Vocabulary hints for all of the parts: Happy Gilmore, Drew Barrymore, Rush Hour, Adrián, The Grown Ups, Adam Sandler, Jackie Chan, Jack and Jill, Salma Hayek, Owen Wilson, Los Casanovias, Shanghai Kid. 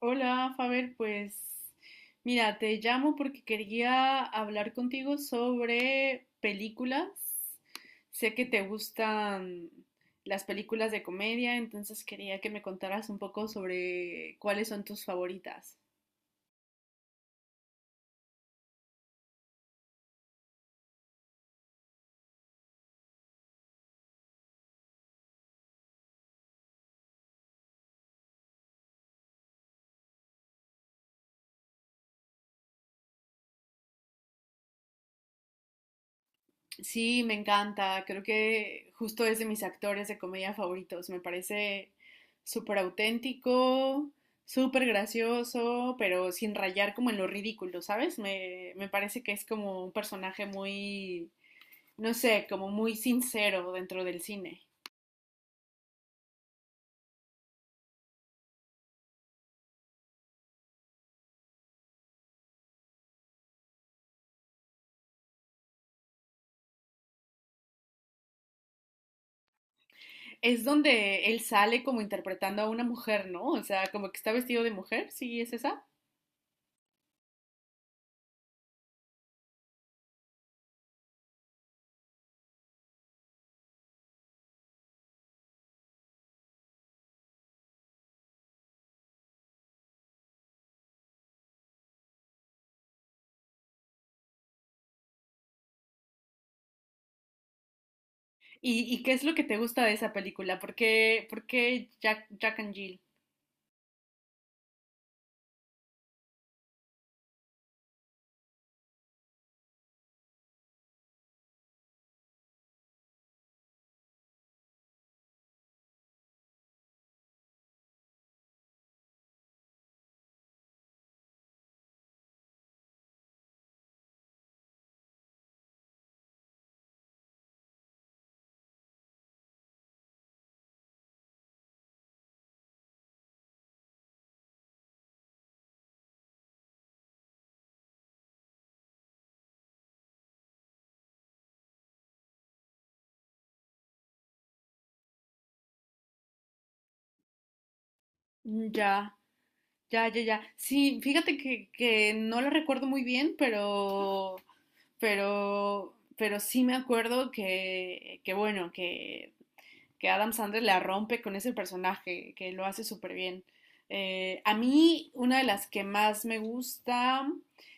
Hola, Faber, pues mira, te llamo porque quería hablar contigo sobre películas. Sé que te gustan las películas de comedia, entonces quería que me contaras un poco sobre cuáles son tus favoritas. Sí, me encanta. Creo que justo es de mis actores de comedia favoritos. Me parece súper auténtico, súper gracioso, pero sin rayar como en lo ridículo, ¿sabes? Me parece que es como un personaje muy, no sé, como muy sincero dentro del cine. Es donde él sale como interpretando a una mujer, ¿no? O sea, como que está vestido de mujer, ¿sí es esa? ¿Y qué es lo que te gusta de esa película? Por qué Jack, Jack and Jill? Ya. Ya, ya, ya. Sí, fíjate que no la recuerdo muy bien, pero, pero sí me acuerdo que bueno, que Adam Sandler la rompe con ese personaje, que lo hace súper bien. A mí, una de las que más me gusta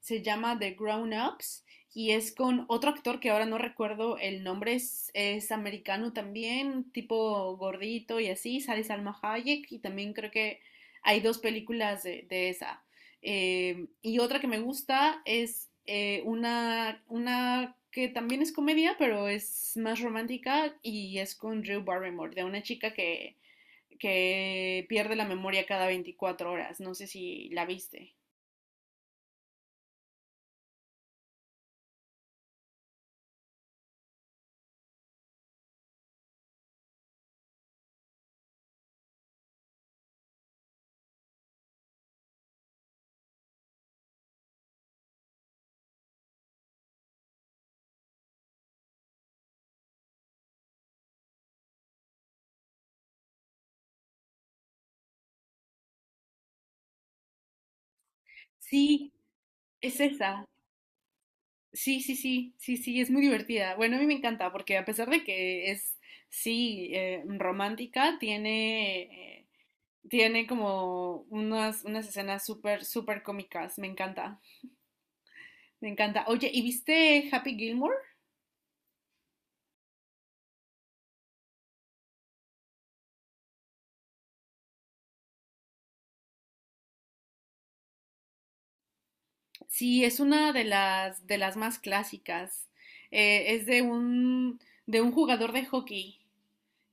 se llama The Grown Ups y es con otro actor que ahora no recuerdo el nombre, es americano también, tipo gordito y así, sale Salma Hayek y también creo que hay dos películas de esa. Y otra que me gusta es una que también es comedia, pero es más romántica y es con Drew Barrymore, de una chica que pierde la memoria cada 24 horas. No sé si la viste. Sí, es esa. Sí, sí, sí, sí, sí, es muy divertida. Bueno, a mí me encanta porque a pesar de que es, sí, romántica, tiene, tiene como unas, unas escenas súper, súper cómicas. Me encanta. Me encanta. Oye, ¿y viste Happy Gilmore? Sí, es una de las más clásicas. Es de un jugador de hockey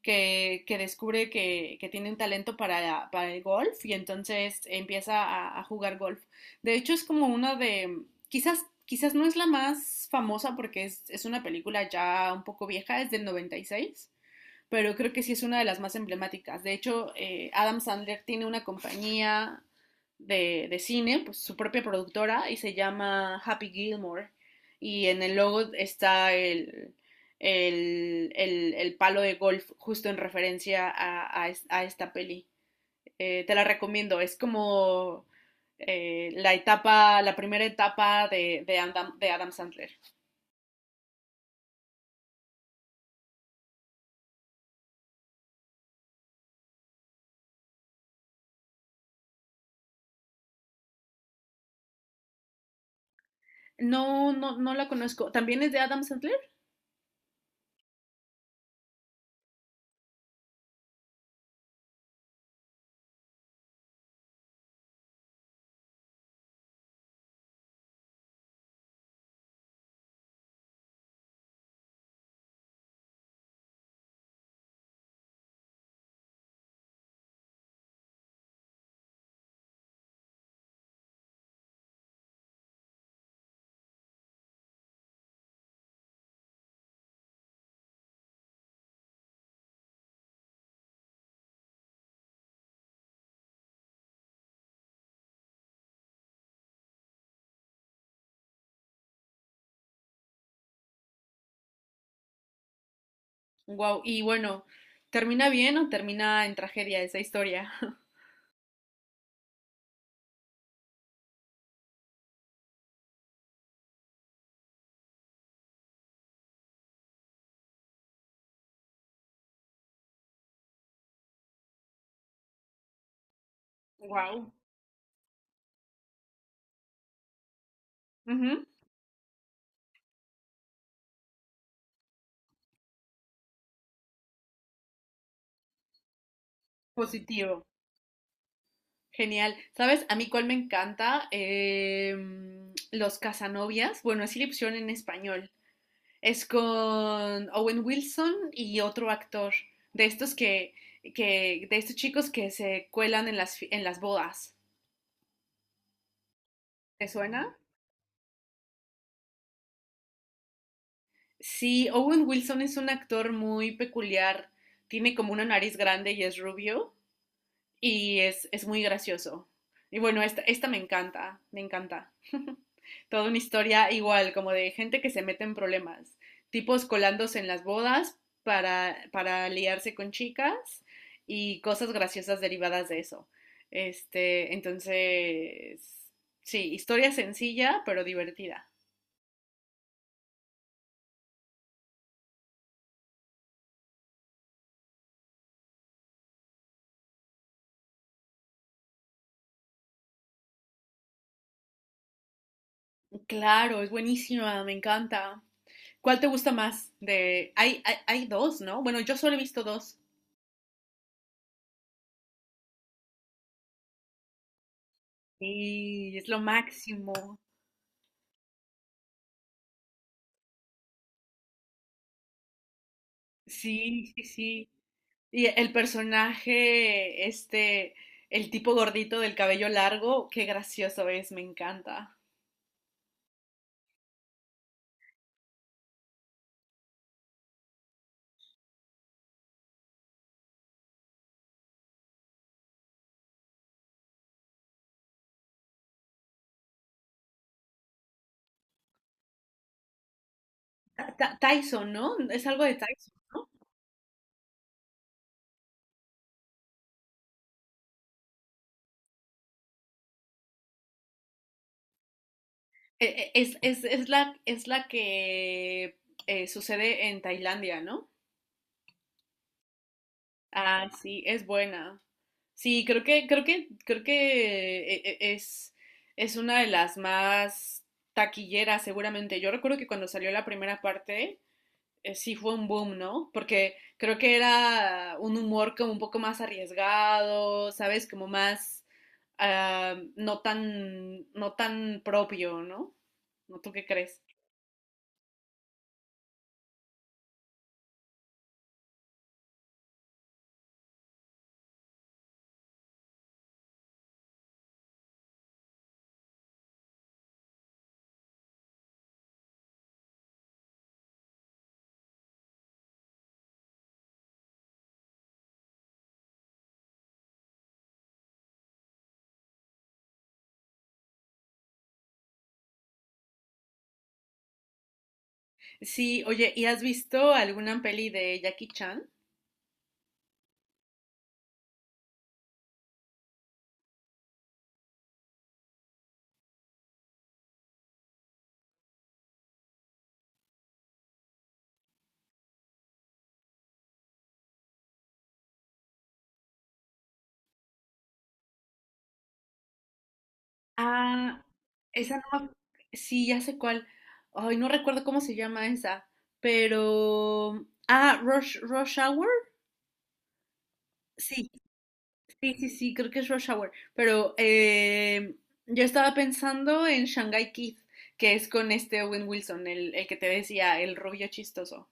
que descubre que tiene un talento para el golf y entonces empieza a jugar golf. De hecho, es como una de, quizás, quizás no es la más famosa porque es una película ya un poco vieja, es del 96. Pero creo que sí es una de las más emblemáticas. De hecho, Adam Sandler tiene una compañía de cine, pues su propia productora, y se llama Happy Gilmore. Y en el logo está el, el palo de golf, justo en referencia a esta peli. Te la recomiendo, es como la etapa, la primera etapa de Adam Sandler. No, no, no la conozco. ¿También es de Adam Sandler? Wow, y bueno, ¿termina bien o termina en tragedia esa historia? Wow. Ujú, positivo. Genial. ¿Sabes? A mí cuál me encanta. Los Casanovias. Bueno, es le en español. Es con Owen Wilson y otro actor. De estos que, de estos chicos que se cuelan en las, fi- en las bodas. ¿Te suena? Sí, Owen Wilson es un actor muy peculiar. Tiene como una nariz grande y es rubio. Y es muy gracioso. Y bueno, esta me encanta, me encanta. Toda una historia igual, como de gente que se mete en problemas, tipos colándose en las bodas para liarse con chicas y cosas graciosas derivadas de eso. Este, entonces, sí, historia sencilla pero divertida. Claro, es buenísima, me encanta. ¿Cuál te gusta más? De, hay dos, ¿no? Bueno, yo solo he visto dos. Sí, es lo máximo. Sí, sí, sí. Y el personaje, este, el tipo gordito del cabello largo, qué gracioso es, me encanta. Ta- Ta- Tyson, ¿no? Es algo de Tyson, ¿no? E- e- es la que sucede en Tailandia, ¿no? Ah, sí, es buena. Sí, creo que, creo que, creo que es una de las más taquilleras, seguramente. Yo recuerdo que cuando salió la primera parte, sí fue un boom, ¿no? Porque creo que era un humor como un poco más arriesgado, ¿sabes? Como más no tan, no tan propio, ¿no? ¿No tú qué crees? Sí, oye, ¿y has visto alguna peli de Jackie Chan? Ah, esa no. Me ac- sí, ya sé cuál. Ay, no recuerdo cómo se llama esa, pero. Ah, Rush, Rush Hour. Sí, sí, sí, sí, creo que es Rush Hour. Pero yo estaba pensando en Shanghai Kid, que es con este Owen Wilson, el que te decía, el rubio chistoso.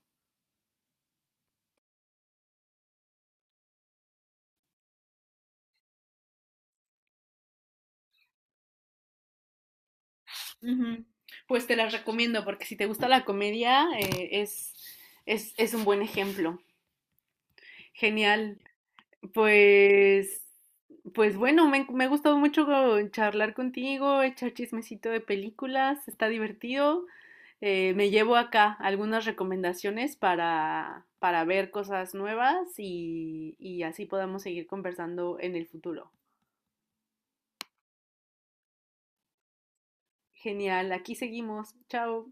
Ujú. Pues te las recomiendo porque si te gusta la comedia, es un buen ejemplo. Genial. Pues, pues bueno, me ha gustado mucho charlar contigo, echar chismecito de películas, está divertido. Me llevo acá algunas recomendaciones para ver cosas nuevas y así podamos seguir conversando en el futuro. Genial, aquí seguimos. Chao.